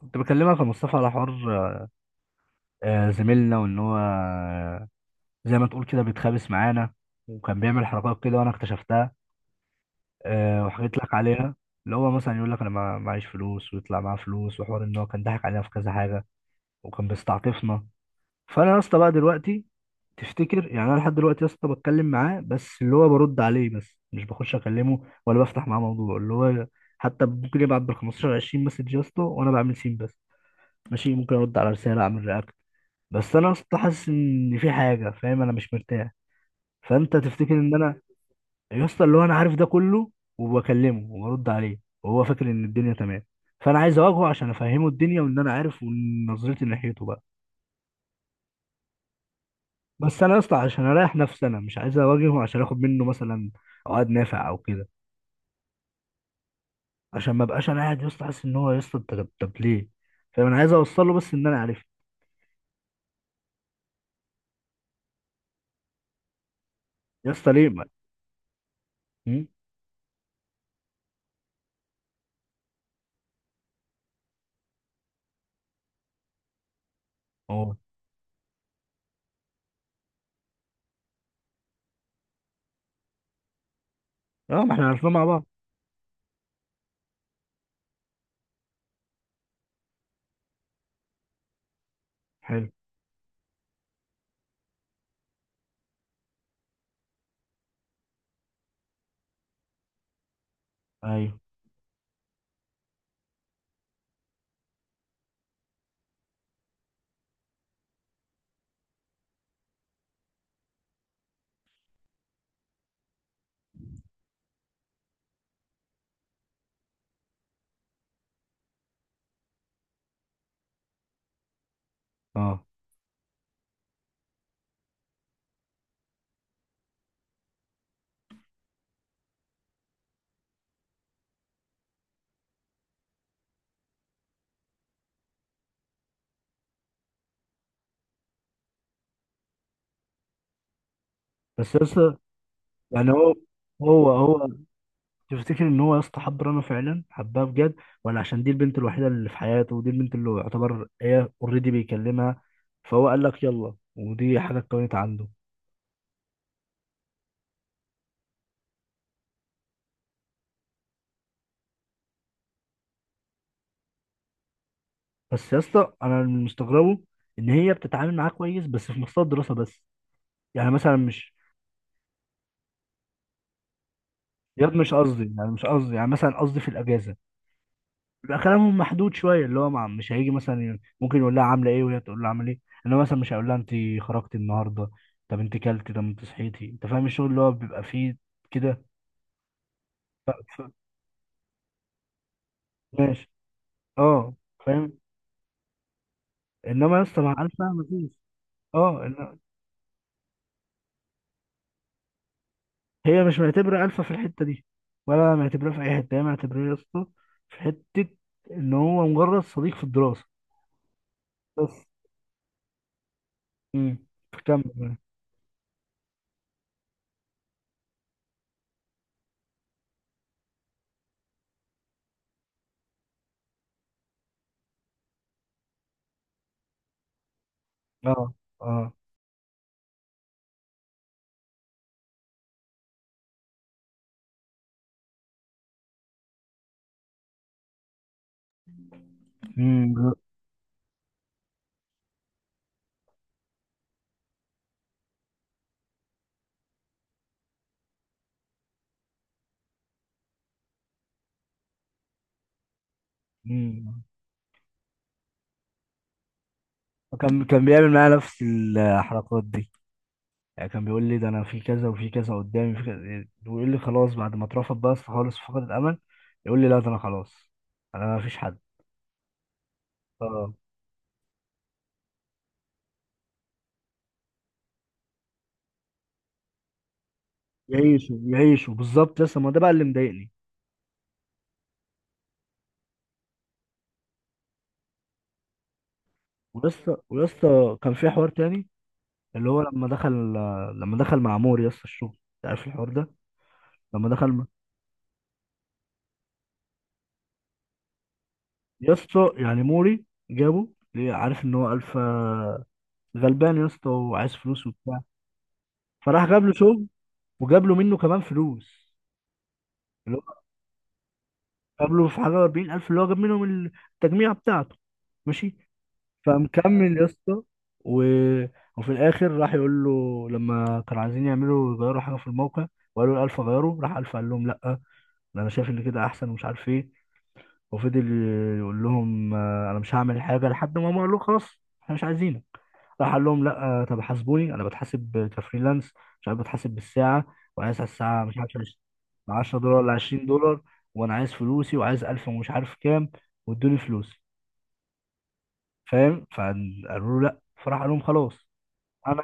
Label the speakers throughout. Speaker 1: كنت بكلمك يا مصطفى على حوار، زميلنا، وان هو زي ما تقول كده بيتخابس معانا، وكان بيعمل حركات كده وانا اكتشفتها، وحكيت لك عليها. اللي هو مثلا يقول لك انا معيش فلوس ويطلع معاه فلوس، وحوار ان هو كان ضحك علينا في كذا حاجه وكان بيستعطفنا. فانا يا اسطى بقى دلوقتي، تفتكر يعني انا لحد دلوقتي يا اسطى بتكلم معاه بس اللي هو برد عليه بس، مش بخش اكلمه ولا بفتح معاه موضوع. اللي هو حتى ممكن يبعت بال 15 20 مسج يا اسطى وانا بعمل سين بس، ماشي ممكن ارد على رساله اعمل رياكت، بس انا اصلا حاسس ان في حاجه، فاهم، انا مش مرتاح. فانت تفتكر ان انا، يا اسطى اللي هو انا عارف ده كله، وبكلمه وبرد عليه وهو فاكر ان الدنيا تمام، فانا عايز اواجهه عشان افهمه الدنيا وان انا عارف ونظرتي ناحيته بقى. بس انا اصلا عشان اريح نفسي انا مش عايز اواجهه عشان اخد منه مثلا عقد نافع او كده، عشان ما ابقاش انا قاعد يا اسطى حاسس ان هو، يا اسطى انت طب ليه؟ فاهم، انا عايز اوصل له بس ان انا عارف. يا اسطى ليه هم؟ اه. اه، ما احنا عارفين مع بعض. حلو. ايوه. اه. بس يا اسطى، يعني هو، هو تفتكر ان هو يا اسطى حب رنا فعلا حبها بجد؟ ولا عشان دي البنت الوحيده اللي في حياته، ودي البنت اللي هو يعتبر هي اوريدي بيكلمها، فهو قال لك يلا ودي حاجه اتكونت عنده؟ بس يا اسطى انا اللي مستغربه، ان هي بتتعامل معاه كويس بس في مستوى الدراسه بس، يعني مثلا مش، ياد مش قصدي يعني، مثلا قصدي في الاجازه بيبقى كلامهم محدود شويه، اللي هو مش هيجي مثلا، ممكن يقول لها عامله ايه وهي تقول له عامل ايه، انما مثلا مش هيقول لها انت خرجتي النهارده، طب انت كلتي، طب انت صحيتي، انت فاهم الشغل اللي هو بيبقى فيه كده. ف- ماشي. اه، فاهم. انما يا اسطى مع الفا مفيش. اه، هي مش معتبره الفا في الحته دي، ولا معتبراه في اي حته. هي معتبراه يا اسطى في حته، ان هو مجرد صديق في الدراسه بس. امم. كمل. اه. اه. امم كان بيعمل معايا نفس الحركات دي، يعني كان بيقول لي ده انا في كذا وفي كذا قدامي في كذا، ويقول لي خلاص بعد ما اترفض بس خالص في فقد الامل. يقول لي لا، ده انا خلاص، انا ما فيش حد. اه. يعيشوا يعيشوا بالظبط، لسه ما ده بقى اللي مضايقني. ولسه كان في حوار تاني، اللي هو لما دخل، مع موري يسطا الشغل. أنت عارف الحوار ده، لما دخل يسطا، يعني موري جابه ليه؟ عارف ان هو الفا غلبان يسطا، وعايز فلوس وبتاع، فراح جاب له شغل، وجاب له منه كمان فلوس، اللي هو جاب له في حاجه 40000 اللي هو جاب منهم التجميعه بتاعته، ماشي. فمكمل يا اسطى و... وفي الاخر راح يقول له، لما كانوا عايزين يعملوا يغيروا حاجه في الموقع، وقالوا الالف غيروا، راح الف قال لهم لا، ده انا شايف ان كده احسن ومش عارف ايه، وفضل يقول لهم، انا مش هعمل حاجه لحد ما هم قالوا له خلاص احنا مش عايزين، راح قال لهم لا طب حاسبوني، انا بتحاسب كفريلانس مش عارف، بتحاسب بالساعه، وعايز على الساعه مش عارف 10 دولار ولا 20 دولار، وانا عايز فلوسي وعايز 1000 ومش عارف كام، وادوني فلوسي. فاهم. فقالوا له لا، فراح قال لهم خلاص، انا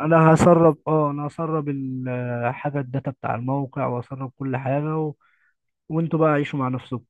Speaker 1: انا هسرب الحاجه، الداتا بتاع الموقع، وهسرب كل حاجه وانتوا بقى عيشوا مع نفسكم.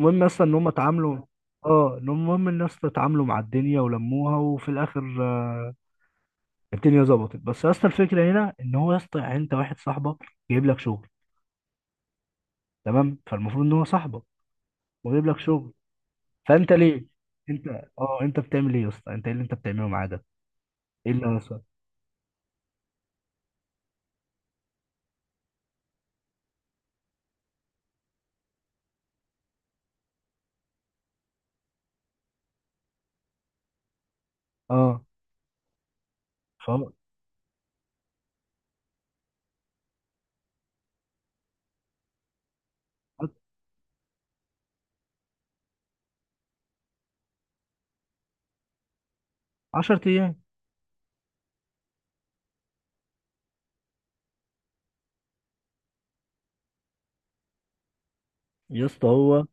Speaker 1: المهم اصلا ان هم اتعاملوا، المهم الناس اتعاملوا مع الدنيا ولموها، وفي الاخر الدنيا ظبطت. بس يا اسطى الفكره هنا ان هو، يا اسطى يعني انت واحد صاحبك جايب لك شغل، تمام، فالمفروض ان هو صاحبك وجايب لك شغل، فانت ليه، انت، اه انت بتعمل ايه يا اسطى؟ انت ايه اللي انت بتعمله معاه ده؟ ايه اللي حصل؟ اه. ف 10 ايام يا اسطى. هو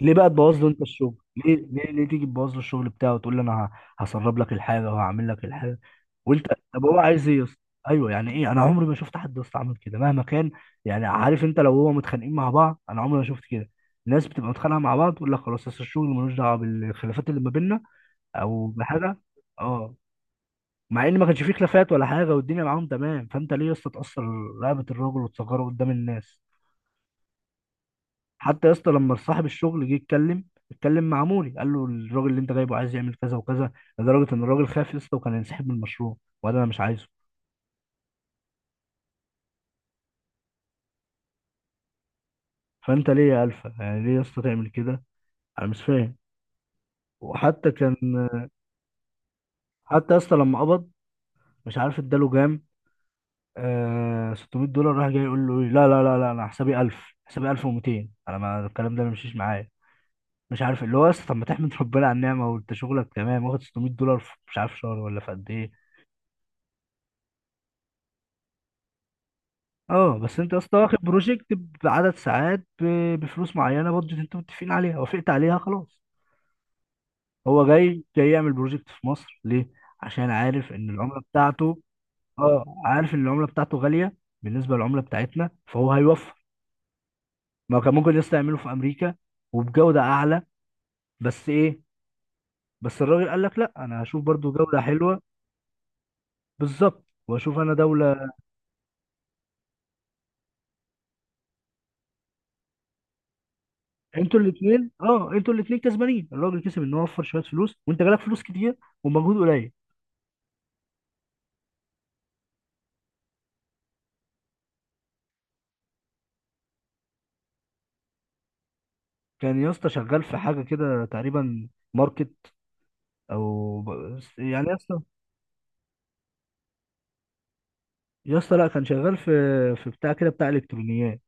Speaker 1: ليه بقى تبوظ له انت الشغل؟ ليه ليه ليه تيجي تبوظ له الشغل بتاعه، وتقول له انا هسرب لك الحاجه وهعمل لك الحاجه؟ وانت. طب هو عايز ايه يا اسطى؟ ايوه، يعني ايه. انا عمري ما شفت حد يا اسطى عمل كده مهما كان. يعني عارف انت لو هو متخانقين مع بعض، انا عمري ما شفت كده. الناس بتبقى متخانقه مع بعض تقول لك خلاص، اصل الشغل ملوش دعوه بالخلافات اللي ما بيننا او بحاجه. اه، مع ان ما كانش فيه خلافات ولا حاجه والدنيا معاهم تمام، فانت ليه يا اسطى تاثر رقبه الراجل وتصغره قدام الناس؟ حتى يا اسطى لما صاحب الشغل جه يتكلم، اتكلم مع موري قال له الراجل اللي انت جايبه عايز يعمل كذا وكذا، لدرجه ان الراجل خاف يا اسطى وكان هينسحب من المشروع، وقال انا مش عايزه. فانت ليه يا الفا، يعني ليه يا اسطى تعمل كده؟ انا مش فاهم. وحتى كان حتى يا اسطى لما قبض، مش عارف اداله كام، 600 دولار، راح جاي يقول له ايه، لا لا لا لا، انا حسابي 1000، حسابي 1200، انا ما الكلام ده ما يمشيش معايا. مش عارف، اللي هو يا اسطى، طب ما تحمد ربنا على النعمه وانت شغلك تمام واخد 600 دولار في مش عارف شهر ولا في قد ايه؟ اه، بس انت يا اسطى واخد بروجكت بعدد ساعات، بفلوس معينه، بادجت انتوا متفقين عليها وافقت عليها، خلاص. هو جاي جاي يعمل بروجكت في مصر ليه؟ عشان عارف ان العمله بتاعته. اه، عارف ان العمله بتاعته غاليه بالنسبه للعمله بتاعتنا، فهو هيوفر. ما هو كان ممكن لسه يعمله في امريكا وبجوده اعلى. بس ايه، بس الراجل قال لك لا، انا هشوف برضو جوده حلوه. بالظبط، واشوف انا دوله. انتوا الاثنين، اه، انتوا الاثنين كسبانين، الراجل كسب ان هو وفر شويه فلوس، وانت جالك فلوس كتير ومجهود قليل. كان يا اسطى شغال في حاجه كده تقريبا ماركت، او يعني يا اسطى، يا اسطى لا، كان شغال في بتاع كده، بتاع الكترونيات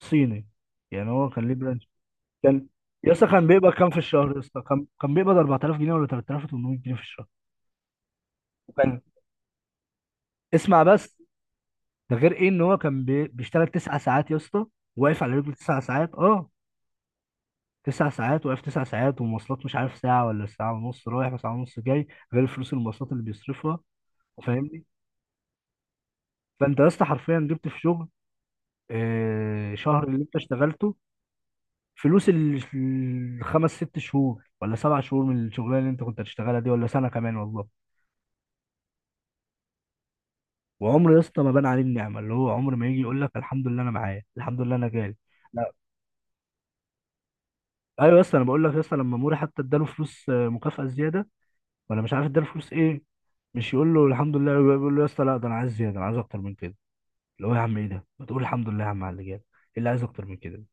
Speaker 1: صيني، يعني هو كان ليه برانش. كان يا اسطى، كان بيقبض كام في الشهر يا اسطى؟ كان بيقبض 4000 جنيه ولا 3800 جنيه في الشهر. وكان، اسمع بس. ده غير ايه ان هو كان بيشتغل 9 ساعات يا اسطى، واقف على رجله 9 ساعات. اه. 9 ساعات واقف، 9 ساعات، ومواصلات مش عارف ساعه ولا ساعه ونص رايح وساعه ونص جاي، غير فلوس المواصلات اللي بيصرفها، فاهمني. فانت يا اسطى حرفيا جبت في شغل شهر اللي انت اشتغلته، فلوس الخمس ست شهور ولا 7 شهور من الشغلانه اللي انت كنت هتشتغلها دي، ولا سنه كمان والله. وعمر يا اسطى ما بان عليه النعمه، اللي هو عمر ما يجي يقول لك الحمد لله انا معايا، الحمد لله انا جالي. لا. ايوه يا اسطى، انا بقول لك يا اسطى لما موري حتى اداله فلوس مكافاه زياده، ولا مش عارف اداله فلوس ايه، مش يقول له الحمد لله، يقول له يا اسطى لا، ده انا عايز زياده، انا عايز اكتر من كده. اللي هو يا عم ايه ده؟ ما تقول الحمد لله يا عم على اللي جالي، إيه اللي عايز اكتر من كده.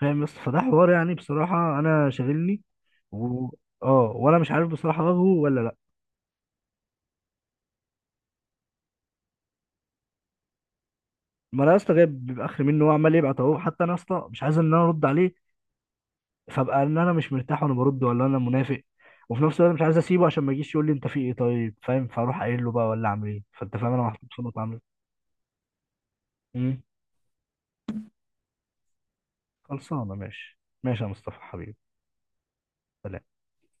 Speaker 1: فاهم يا اسطى؟ فده حوار يعني بصراحة أنا شاغلني و... اه. وأنا مش عارف بصراحة ألغه ولا لأ. ما أنا يا اسطى جايب، بيبقى آخر منه، هو عمال يبعت أهو. حتى أنا يا اسطى مش عايز إن أنا أرد عليه، فأبقى إن أنا مش مرتاح وأنا برد، ولا أنا منافق. وفي نفس الوقت مش عايز أسيبه عشان ما يجيش يقول لي أنت في إيه، طيب فاهم؟ فأروح قايل له بقى، ولا أعمل إيه؟ فأنت فاهم، أنا محطوط في نقطة عاملة إيه. خلصانة، ماشي ماشي يا مصطفى حبيبي. سلام.